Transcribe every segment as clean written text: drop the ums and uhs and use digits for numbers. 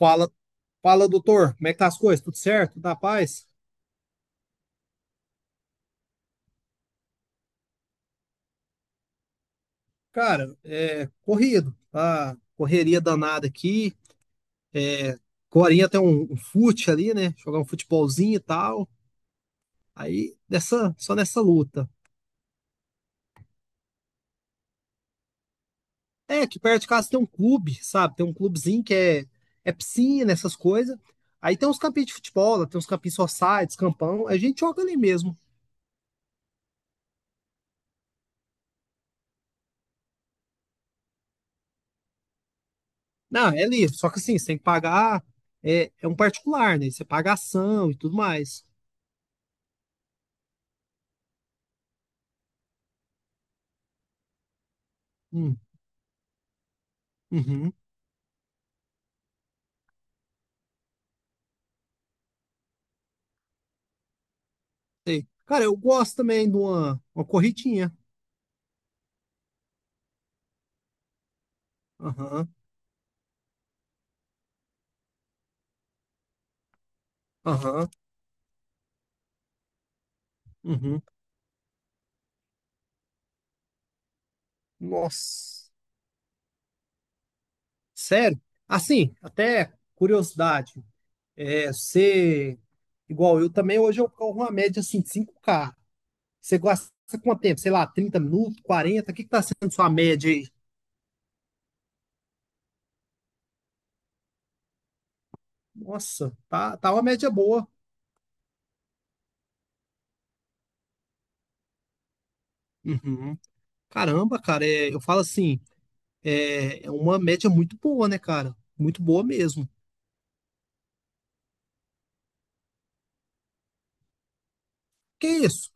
Fala, fala, doutor, como é que tá as coisas? Tudo certo? Tudo na paz? Cara, é corrido, tá? Correria danada aqui. É, agorinha tem um fute ali, né? Jogar um futebolzinho e tal. Aí, nessa, só nessa luta. É, aqui perto de casa tem um clube, sabe? Tem um clubezinho é piscina, essas coisas. Aí tem uns campinhos de futebol, lá tem uns campinhos society, campão. A gente joga ali mesmo. Não, é livre, só que assim, você tem que pagar. É, é um particular, né? Você paga ação e tudo mais. Hum. Uhum, sei. Cara, eu gosto também de uma corridinha. Aham, aham, uhum. Nossa. Sério? Assim, até curiosidade. É, você, igual eu também, hoje eu corro uma média assim, de 5K. Você gasta quanto tempo? Sei lá, 30 minutos, 40. O que que tá sendo sua média aí? Nossa, tá, tá uma média boa. Uhum. Caramba, cara, eu falo assim, é uma média muito boa, né, cara? Muito boa mesmo. Que isso?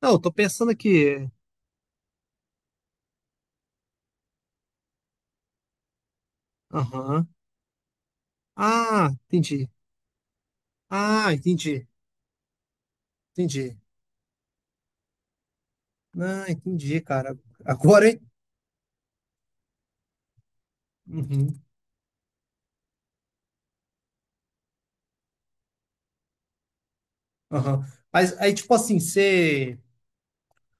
Não, eu tô pensando aqui. Aham. Ah, entendi. Ah, entendi. Entendi. Ah, entendi, cara. Agora, hein? Uhum. Aham. Mas aí, tipo assim, você,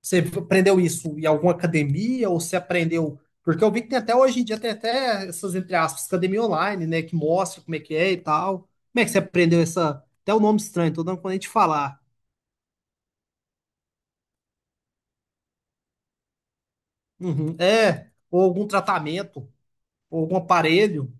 você aprendeu isso em alguma academia ou você aprendeu? Porque eu vi que tem até hoje em dia, tem até essas, entre aspas, academia online, né? Que mostra como é que é e tal. Como é que você aprendeu essa. Até o nome estranho, tô dando quando a gente falar. Uhum. É, ou algum tratamento, ou algum aparelho.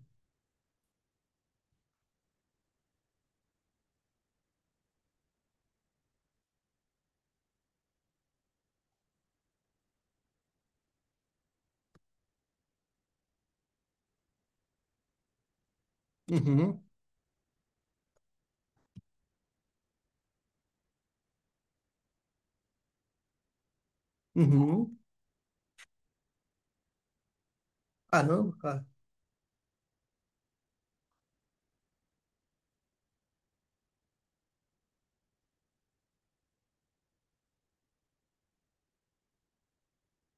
Uhum. Uhum. Caramba, cara.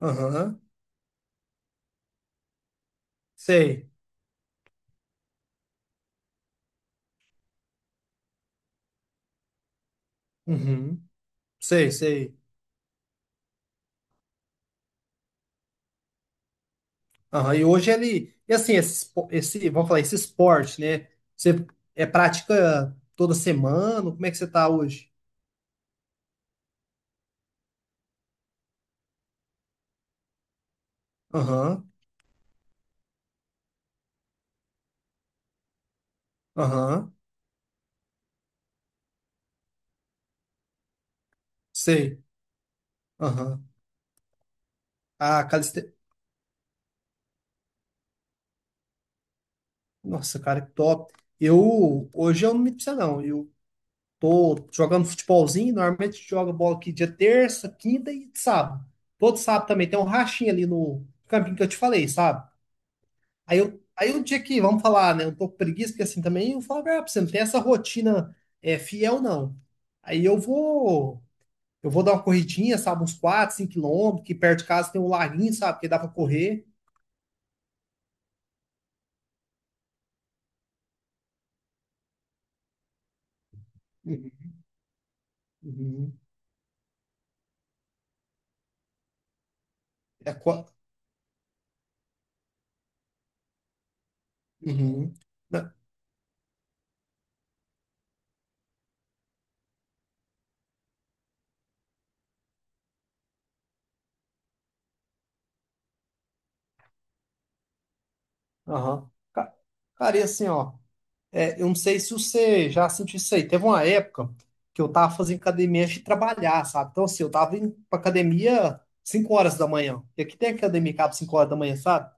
Aham. Sei. Uhum. Sei, sei. Aham. E hoje ele. E assim, vamos falar, esse esporte, né? Você é prática toda semana? Como é que você tá hoje? Aham, aham, sei. Aham. Ah, caliste... Nossa, cara, que top. Eu, hoje eu não me precisa, não. Eu tô jogando futebolzinho, normalmente joga bola aqui dia terça, quinta e sábado. Todo sábado também tem um rachinho ali no campinho que eu te falei, sabe? Aí eu, aí um dia que, vamos falar, né? Um pouco preguiça, porque assim também eu falo, ah, você não tem essa rotina fiel, não. Aí eu vou, eu vou dar uma corridinha, sabe, uns 4, 5 quilômetros, que perto de casa tem um laguinho, sabe, que dá pra correr. Uhum, uhum. É, qua- uhum. Né? Aham. Ca- Cara, e assim, ó, eu não sei se você já sentiu isso aí. Teve uma época que eu tava fazendo academia antes de trabalhar, sabe? Então, assim, eu tava indo pra academia 5 horas da manhã. E aqui tem academia que abre 5 horas da manhã, sabe?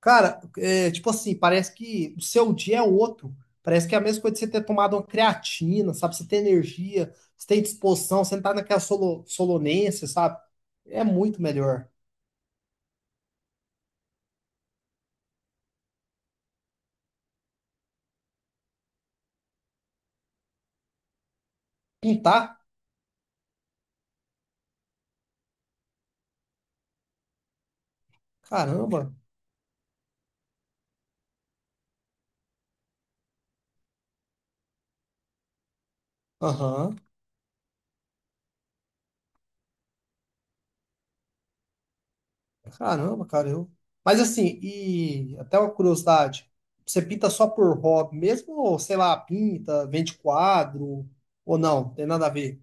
Cara, é, tipo assim, parece que o seu dia é outro. Parece que é a mesma coisa de você ter tomado uma creatina, sabe? Você tem energia, você tem disposição, você não tá naquela solo, solonência, sabe? É muito melhor. Pintar? Caramba. Aham. Caramba, cara, eu. Mas assim, e até uma curiosidade, você pinta só por hobby mesmo? Ou, sei lá, pinta, vende quadro, ou não? Tem nada a ver.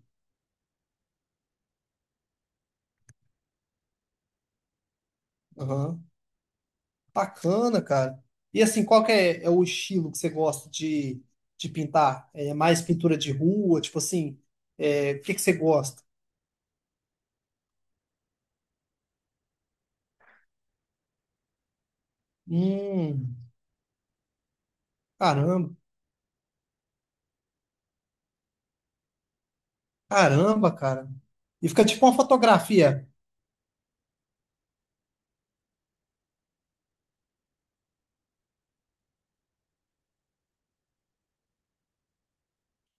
Aham. Bacana, cara. E assim, é o estilo que de pintar? É mais pintura de rua? Tipo assim, é, o que que você gosta? Hum, caramba, caramba, cara. E fica tipo uma fotografia.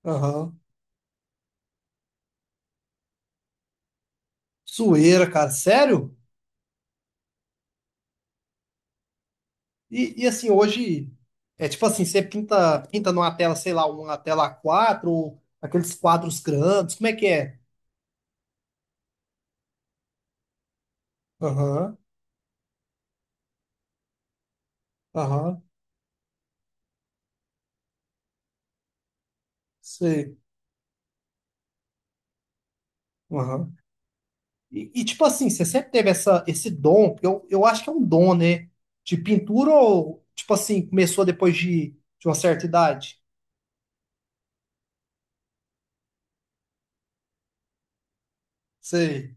Aham. Zoeira, cara. Sério? E assim, hoje é tipo assim, você pinta, pinta numa tela, sei lá, uma tela A4, ou aqueles quadros grandes, como é que é? Aham, aham, sei. Você sempre teve esse dom, porque eu acho que é um dom, né? De pintura ou, tipo assim, começou depois de uma certa idade? Sei.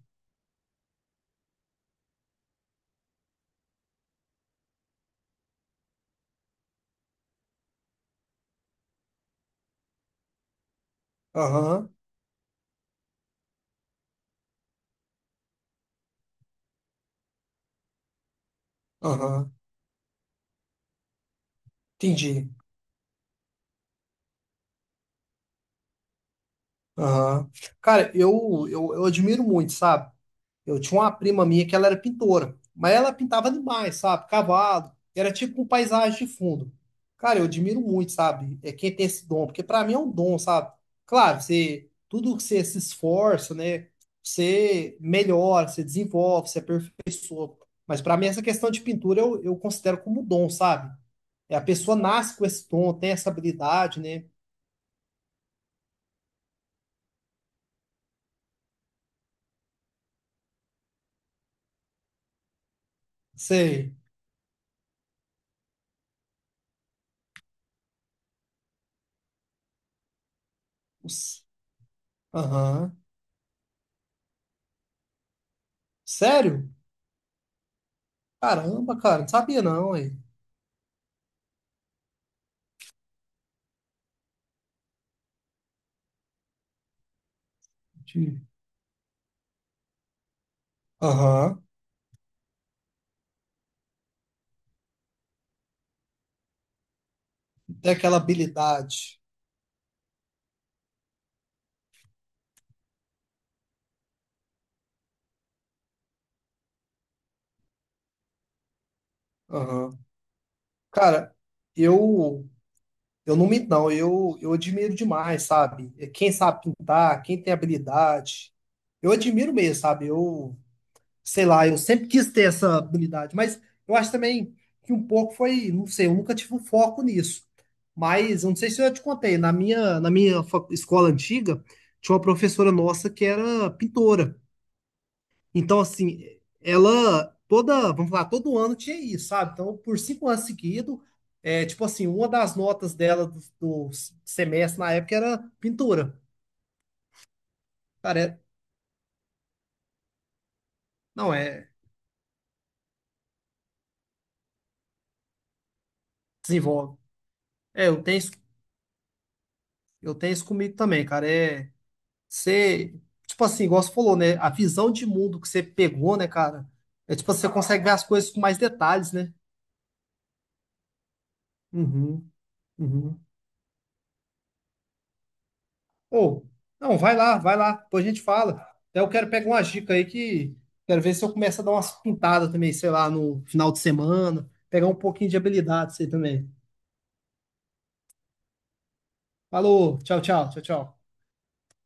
Aham, aham. Entendi. Aham. Cara, eu admiro muito, sabe? Eu tinha uma prima minha que ela era pintora, mas ela pintava demais, sabe? Cavalo, era tipo com paisagem de fundo. Cara, eu admiro muito, sabe? É quem tem esse dom, porque pra mim é um dom, sabe? Claro, você, tudo que você se esforça, né? Você melhora, você desenvolve, você aperfeiçoa. Mas pra mim essa questão de pintura eu considero como um dom, sabe? É a pessoa nasce com esse dom, tem essa habilidade, né? Sei. Os- Aham. Sério? Caramba, cara, não sabia não, hein? Aham. Tem aquela habilidade. Aham. Cara, eu eu não minto, não. Eu admiro demais, sabe? É quem sabe pintar, quem tem habilidade. Eu admiro mesmo, sabe? Eu, sei lá, eu sempre quis ter essa habilidade, mas eu acho também que um pouco foi, não sei, eu nunca tive um foco nisso. Mas eu não sei se eu te contei, na minha escola antiga, tinha uma professora nossa que era pintora. Então, assim, ela toda, vamos falar, todo ano tinha isso, sabe? Então, por 5 anos seguidos, é, tipo assim, uma das notas dela do semestre na época era pintura. Cara, é- não, é, desenvolve. É, eu tenho, isso- eu tenho isso comigo também, cara. Você, tipo assim, igual você falou, né? A visão de mundo que você pegou, né, cara? É tipo, você consegue ver as coisas com mais detalhes, né? Uhum, uhum. Ou, não, vai lá, depois a gente fala. Até eu quero pegar uma dica aí que quero ver se eu começo a dar umas pintadas também, sei lá, no final de semana, pegar um pouquinho de habilidade isso aí também. Falou, tchau, tchau, tchau, tchau.